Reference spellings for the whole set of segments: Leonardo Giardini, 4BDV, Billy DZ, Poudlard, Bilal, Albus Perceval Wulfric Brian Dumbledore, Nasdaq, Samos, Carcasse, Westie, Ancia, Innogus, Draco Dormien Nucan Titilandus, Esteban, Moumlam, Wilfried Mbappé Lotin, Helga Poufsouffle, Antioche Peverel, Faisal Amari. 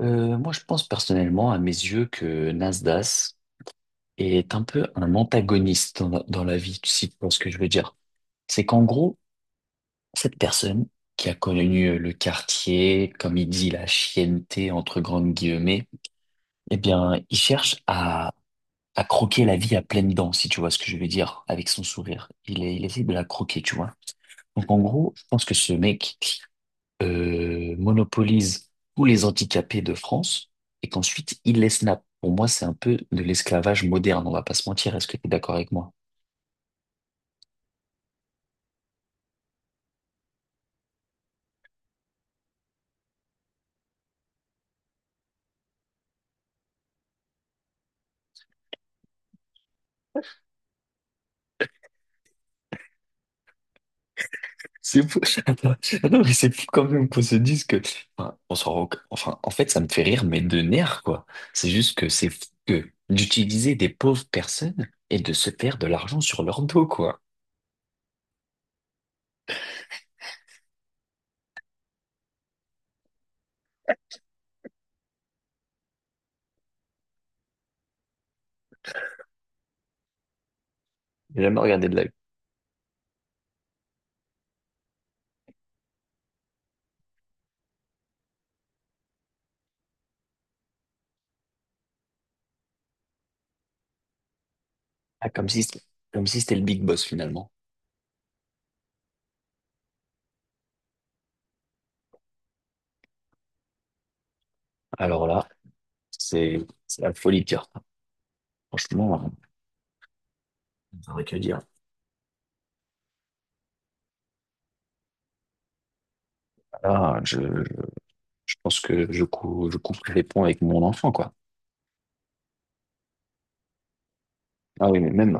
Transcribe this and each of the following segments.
Moi, je pense personnellement, à mes yeux, que Nasdaq est un peu un antagoniste dans la vie, si tu vois ce que je veux dire. C'est qu'en gros, cette personne qui a connu le quartier, comme il dit, la chienneté, entre grandes guillemets, eh bien, il cherche à croquer la vie à pleines dents, si tu vois ce que je veux dire, avec son sourire. Il essaie de la croquer, tu vois. Donc, en gros, je pense que ce mec, monopolise tous les handicapés de France et qu'ensuite il les snap. Pour moi, c'est un peu de l'esclavage moderne, on va pas se mentir. Est-ce que tu es d'accord avec moi? C'est fou. Attends, attends, mais c'est fou quand même qu'on se dise que, enfin, enfin, en fait, ça me fait rire, mais de nerfs, quoi. C'est juste que c'est fou que d'utiliser des pauvres personnes et de se faire de l'argent sur leur dos, quoi. J'ai jamais regardé de la. Ah, comme si, c'était- Comme si c'était le big boss finalement. Alors là, c'est, c'est la folie de dire. Franchement, on ne saurait que dire. Ah, je pense que je coupe les ponts avec mon enfant, quoi. Ah oui, mais même,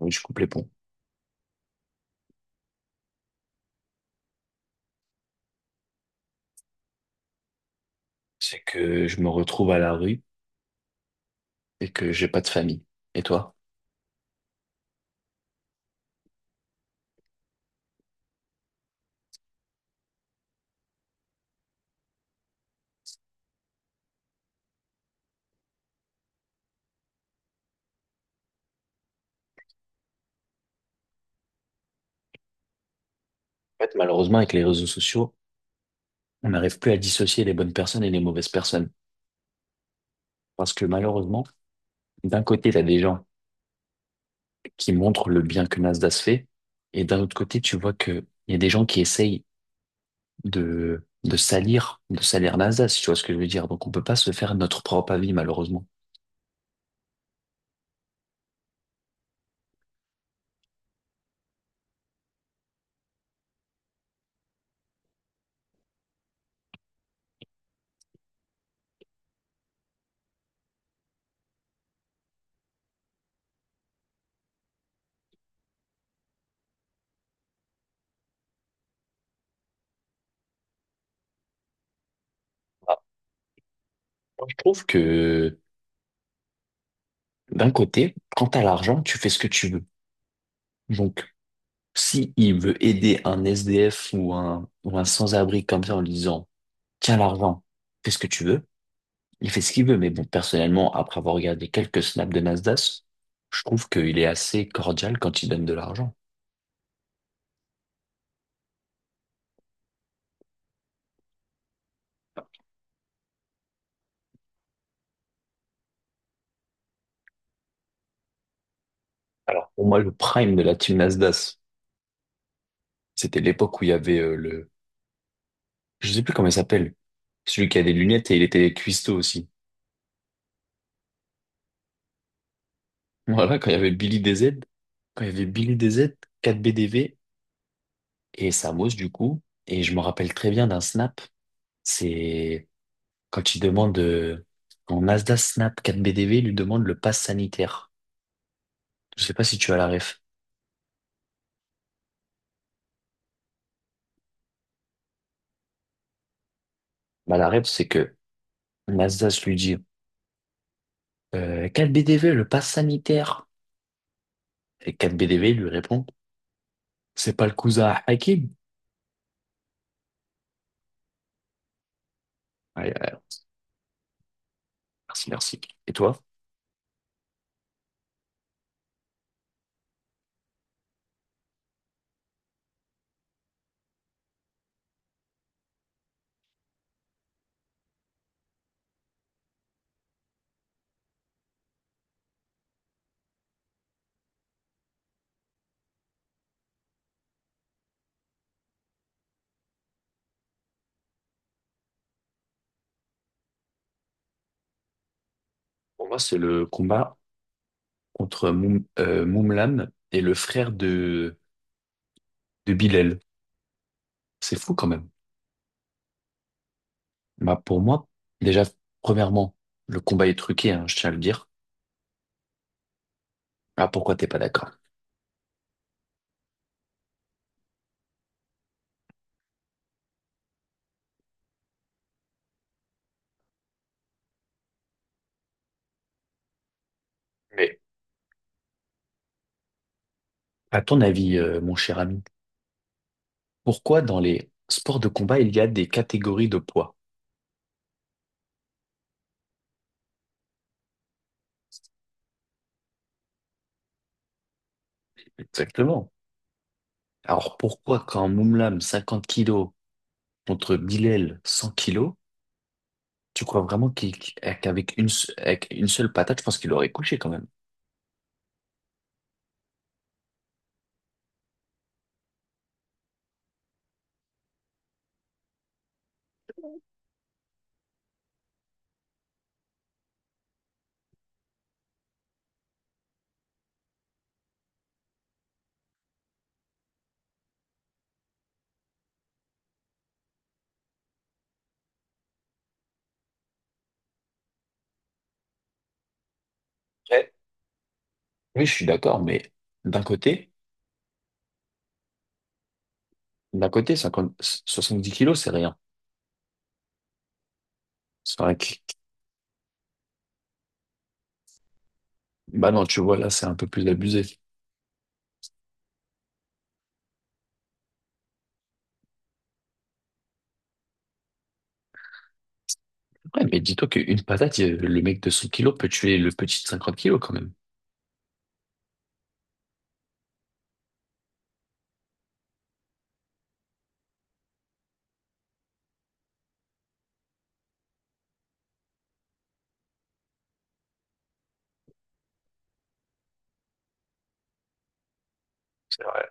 oui, je coupe les ponts. C'est que je me retrouve à la rue et que j'ai pas de famille. Et toi? En fait, malheureusement, avec les réseaux sociaux, on n'arrive plus à dissocier les bonnes personnes et les mauvaises personnes. Parce que malheureusement, d'un côté, tu as des gens qui montrent le bien que Nasdaq fait, et d'un autre côté, tu vois que il y a des gens qui essayent de salir Nasdaq, si tu vois ce que je veux dire. Donc, on peut pas se faire notre propre avis, malheureusement. Ah, moi, je trouve que d'un côté, quand t'as l'argent, tu fais ce que tu veux. Donc, si il veut aider un SDF ou un sans-abri comme ça en lui disant, tiens l'argent, fais ce que tu veux, il fait ce qu'il veut. Mais bon, personnellement, après avoir regardé quelques snaps de Nasdaq, je trouve qu'il est assez cordial quand il donne de l'argent. Alors, pour moi, le prime de la team Nasdaq, c'était l'époque où il y avait je sais plus comment il s'appelle, celui qui a des lunettes et il était cuistot aussi. Voilà, quand il y avait Billy DZ, 4BDV et Samos du coup. Et je me rappelle très bien d'un snap. C'est quand il demande, en Asda Snap 4BDV, il lui demande le pass sanitaire. Je sais pas si tu as la ref. Bah, la ref, c'est que Nasdaq lui dit, 4BDV le pass sanitaire. Et 4V V lui répond, c'est pas le cousin à Hakim. Ouais, ouais, merci, merci. Et toi? Pour moi, c'est le combat contre Moumlam et le frère de Bilal. C'est fou quand même. Bah pour moi, déjà, premièrement, le combat est truqué, hein, je tiens à le dire. Ah, pourquoi t'es pas d'accord? Mais à ton avis, mon cher ami, pourquoi dans les sports de combat, il y a des catégories de poids? Exactement. Alors pourquoi quand Moumlam 50 kilos contre Bilal 100 kilos, tu crois vraiment qu'il- qu'avec une, se- avec une seule patate, je pense qu'il aurait couché quand même. Ouais. Oui, je suis d'accord, mais d'un côté, d'un côté, 50 70 kilos, c'est rien. C'est vrai que. Bah non, tu vois, là, c'est un peu plus abusé. Ouais, mais dis-toi qu'une patate, le mec de 100 kilos peut tuer le petit de 50 kilos quand même. C'est vrai,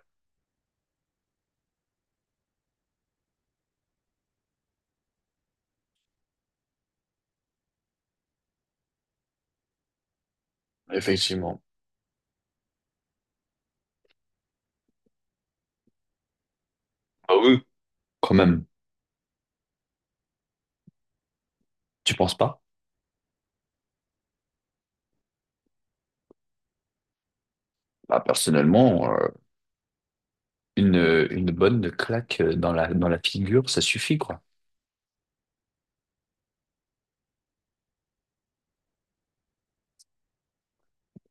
effectivement. Ah oui. Quand même, tu penses pas? Bah, personnellement, une bonne claque dans la figure, ça suffit, quoi.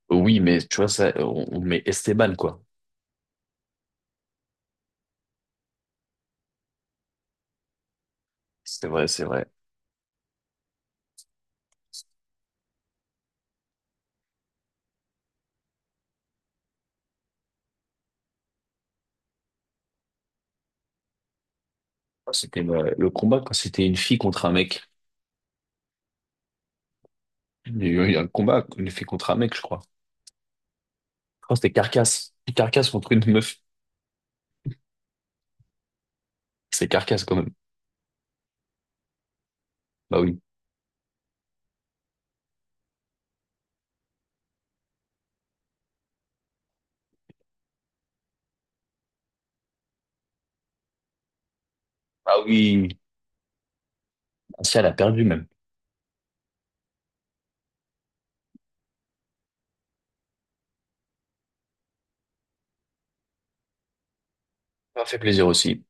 Oui, mais tu vois, ça, on met Esteban, quoi. C'est vrai, c'est vrai. Enfin, c'était le combat quand c'était une fille contre un mec. Il y a eu un combat, une fille contre un mec, je crois. Je crois que c'était Carcasse. Carcasse contre une meuf. C'est Carcasse quand même. Bah oui. Ah oui. Ancia, elle a perdu même. Ça m'a fait plaisir aussi.